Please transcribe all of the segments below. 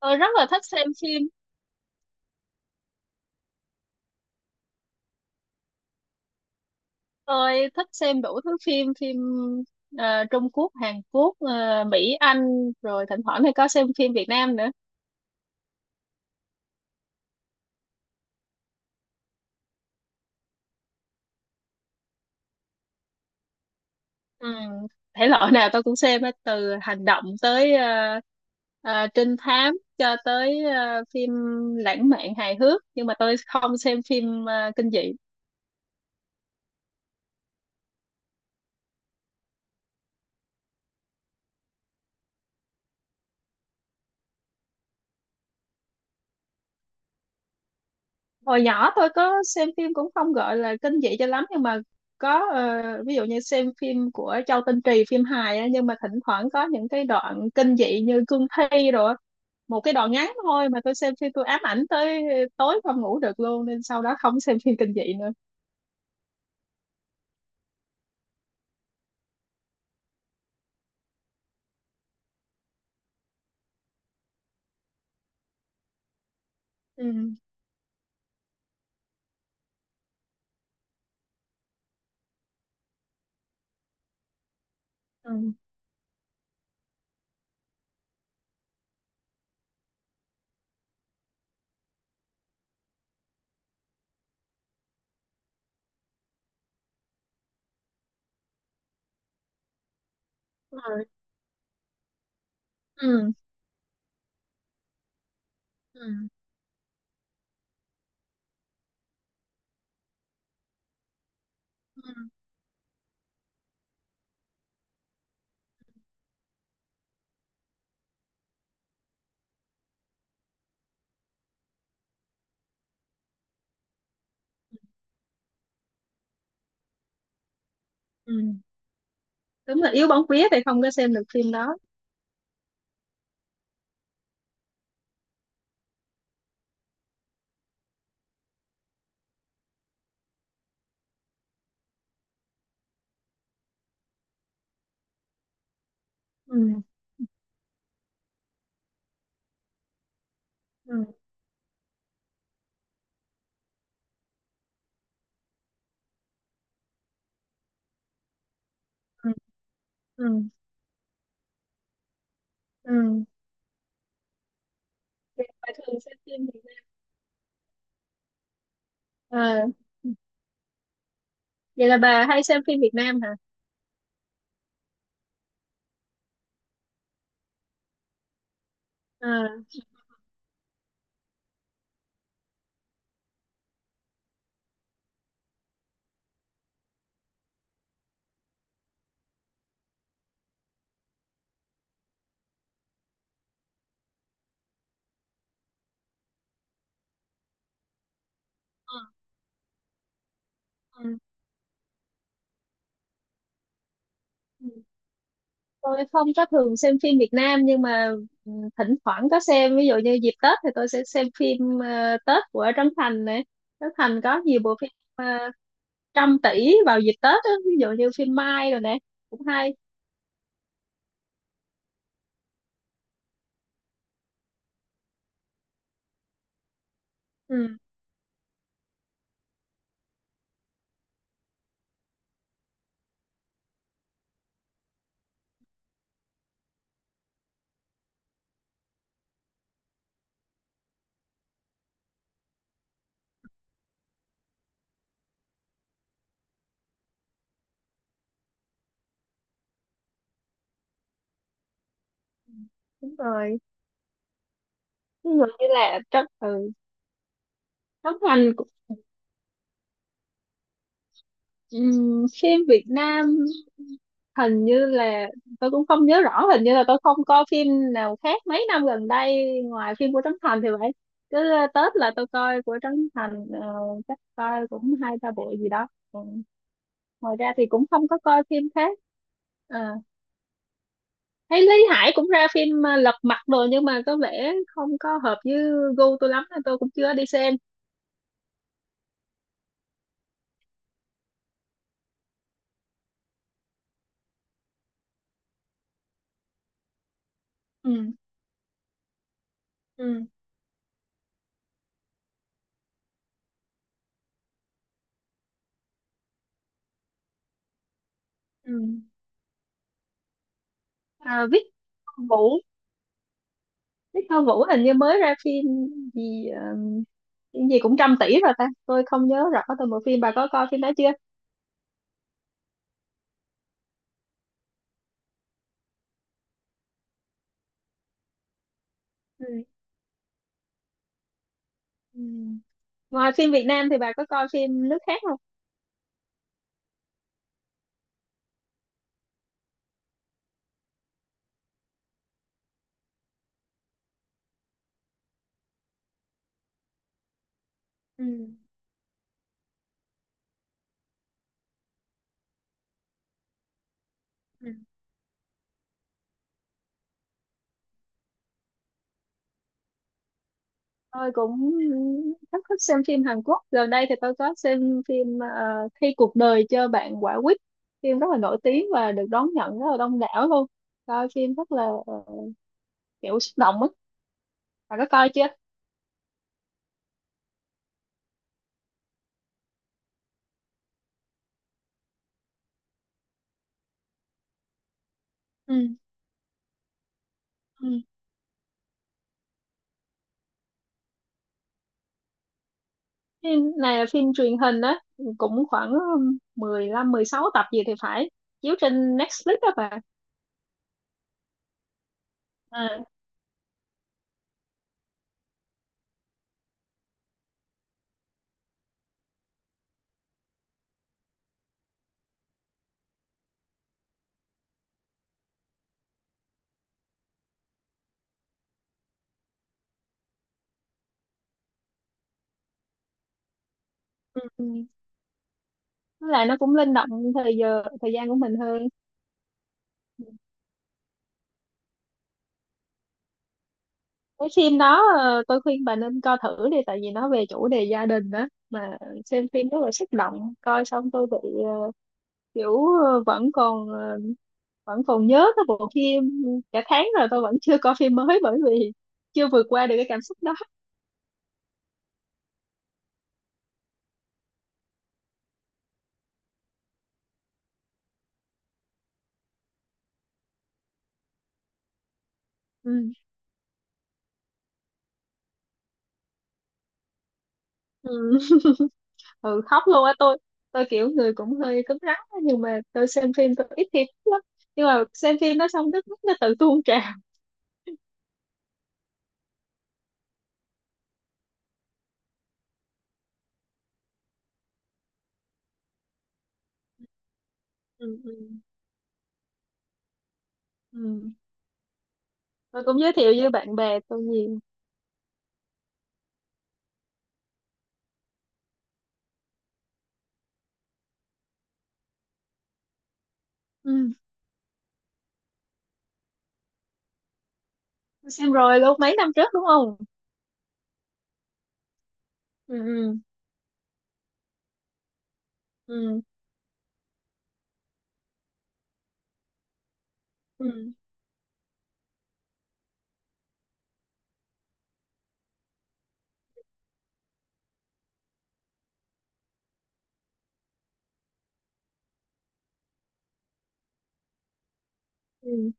Tôi rất là thích xem phim. Tôi thích xem đủ thứ phim phim, Trung Quốc, Hàn Quốc, Mỹ, Anh, rồi thỉnh thoảng thì có xem phim Việt Nam nữa. Ừ. Thể loại nào tôi cũng xem hết, từ hành động tới trinh thám, cho tới phim lãng mạn, hài hước, nhưng mà tôi không xem phim kinh dị. Hồi nhỏ tôi có xem phim cũng không gọi là kinh dị cho lắm, nhưng mà có, ví dụ như xem phim của Châu Tinh Trì, phim hài á, nhưng mà thỉnh thoảng có những cái đoạn kinh dị như cương thi rồi á. Một cái đoạn ngắn thôi mà tôi xem phim tôi ám ảnh tới tối không ngủ được luôn, nên sau đó không xem phim kinh dị nữa. Ừ. Ừ. Đúng rồi. Ừ. Ừ. Ừ. Ừ. Đúng là yếu bóng vía thì không có xem được phim đó. Ừ. Ừ. Ừ. Ừ. Ừ. Vậy bà thường xem phim Việt Nam? À, vậy là bà hay xem phim Việt Nam hả? À. À. Ừ. Tôi không có thường xem phim Việt Nam, nhưng mà ừ, thỉnh thoảng có xem, ví dụ như dịp Tết thì tôi sẽ xem phim Tết của Trấn Thành này. Trấn Thành có nhiều bộ phim trăm tỷ vào dịp Tết á, ví dụ như phim Mai rồi nè, cũng hay. Ừ, đúng rồi, ví dụ như là Trấn Thành. Phim Việt Nam hình như là, tôi cũng không nhớ rõ, hình như là tôi không coi phim nào khác mấy năm gần đây ngoài phim của Trấn Thành thì vậy. Cứ Tết là tôi coi của Trấn Thành, chắc coi cũng hai ba bộ gì đó. Ừ. Ngoài ra thì cũng không có coi phim khác. À, thấy Lý Hải cũng ra phim Lật Mặt rồi, nhưng mà có vẻ không có hợp với gu tôi lắm nên tôi cũng chưa đi xem. Ừ. Ừ. Ừ. À, Viết Vũ, Đức Thơ Vũ hình như mới ra phim gì, phim gì cũng trăm tỷ rồi ta, tôi không nhớ rõ tôi một phim, bà có coi phim đó chưa? Ừ. Ừ. Ngoài phim Việt Nam thì bà có coi phim nước khác không? Ừ. Ừ. Tôi cũng rất thích xem phim Hàn Quốc, gần đây thì tôi có xem phim Khi cuộc đời cho bạn quả quýt. Phim rất là nổi tiếng và được đón nhận rất là đông đảo luôn. Coi phim rất là kiểu xúc động á. Bà có coi chưa? Ừ. Phim này là phim truyền hình á, cũng khoảng 15 16 tập gì thì phải, chiếu trên Netflix đó bà. À. Ừ. Ừ. Với lại nó cũng linh động thời giờ, thời gian của mình hơn. Cái phim đó, tôi khuyên bà nên coi thử đi, tại vì nó về chủ đề gia đình đó mà. Xem phim rất là xúc động, coi xong tôi bị ờ, kiểu vẫn còn nhớ cái bộ phim cả tháng rồi, tôi vẫn chưa coi phim mới bởi vì chưa vượt qua được cái cảm xúc đó. Ừ. Ừ. Ừ, khóc luôn á. Tôi kiểu người cũng hơi cứng rắn á, nhưng mà tôi xem phim tôi ít khi khóc lắm, nhưng mà xem phim nó xong nước mắt nó tự tuôn trào. Ừ. Ừ. Ừ. Tôi cũng giới thiệu với bạn bè tôi nhiều. Ừ. Tôi xem rồi luôn mấy năm trước, đúng không? Ừ. Ừ. Ừ. Ừ. Ừ.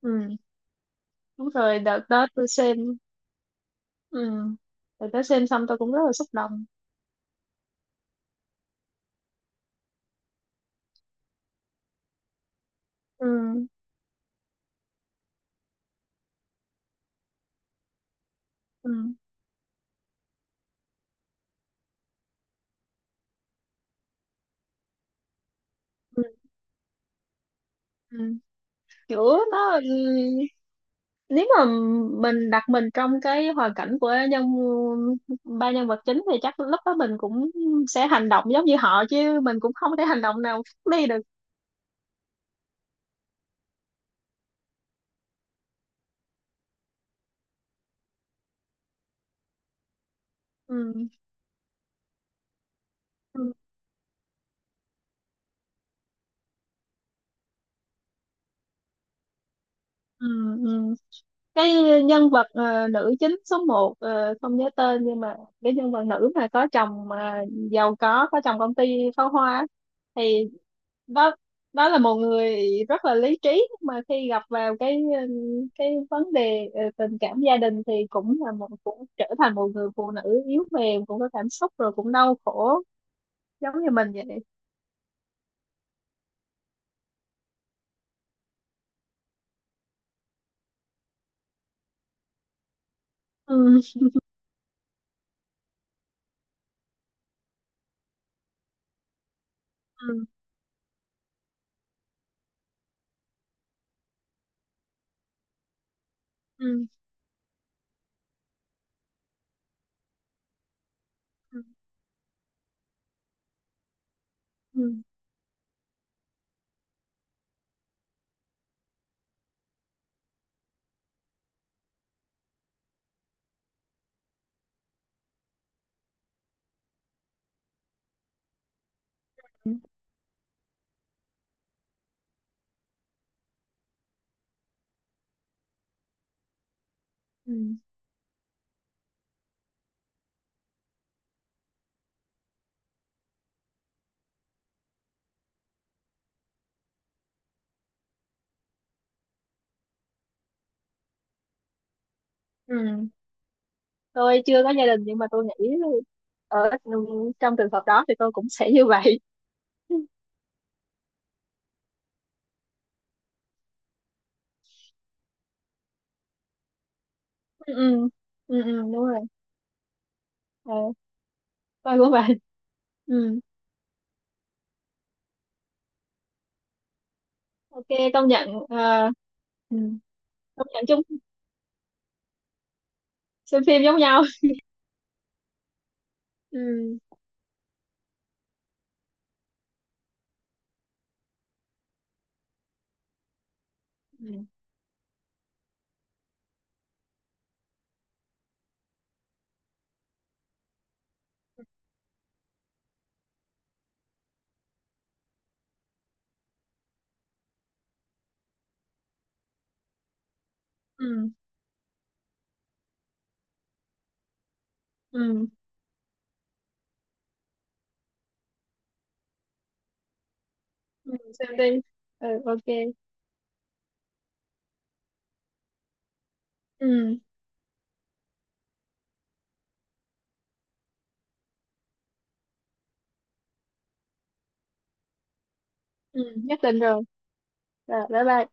Ừ. Đúng rồi, đợt đó tôi xem. Ừ. Đợt đó xem xong tôi cũng rất là xúc động. Ừ. Ừ. Ừ. Ừ. Kiểu nó, nếu mà mình đặt mình trong cái hoàn cảnh của ba nhân vật chính thì chắc lúc đó mình cũng sẽ hành động giống như họ, chứ mình cũng không thể hành động nào khác đi được. Ừ. Ừ. Ừ. Ừ. Cái nhân vật nữ chính số 1, không nhớ tên, nhưng mà cái nhân vật nữ mà có chồng mà giàu có chồng công ty pháo hoa á, thì đó đó là một người rất là lý trí, nhưng mà khi gặp vào cái vấn đề tình cảm gia đình thì cũng là một, cũng trở thành một người phụ nữ yếu mềm, cũng có cảm xúc rồi cũng đau khổ giống như mình vậy. Ừ. Ừ. Ừ. Ừ. Ừ. Ừ. Ừ. Ừ. Tôi chưa có gia đình nhưng mà tôi nghĩ ở trong trường hợp đó thì tôi cũng sẽ như vậy. Ừ. Ừ. Ừ. Ừ, đúng rồi. Ờ, tôi cũng vậy. Ừ. Ok, công nhận ừ. Công nhận chung xem phim giống nhau. Ừ. Ừ. Ừ. Ừ. Ừ. Xem đi. Ừ. Ok. Ừ. Ừ, nhất định rồi. Rồi bye bye.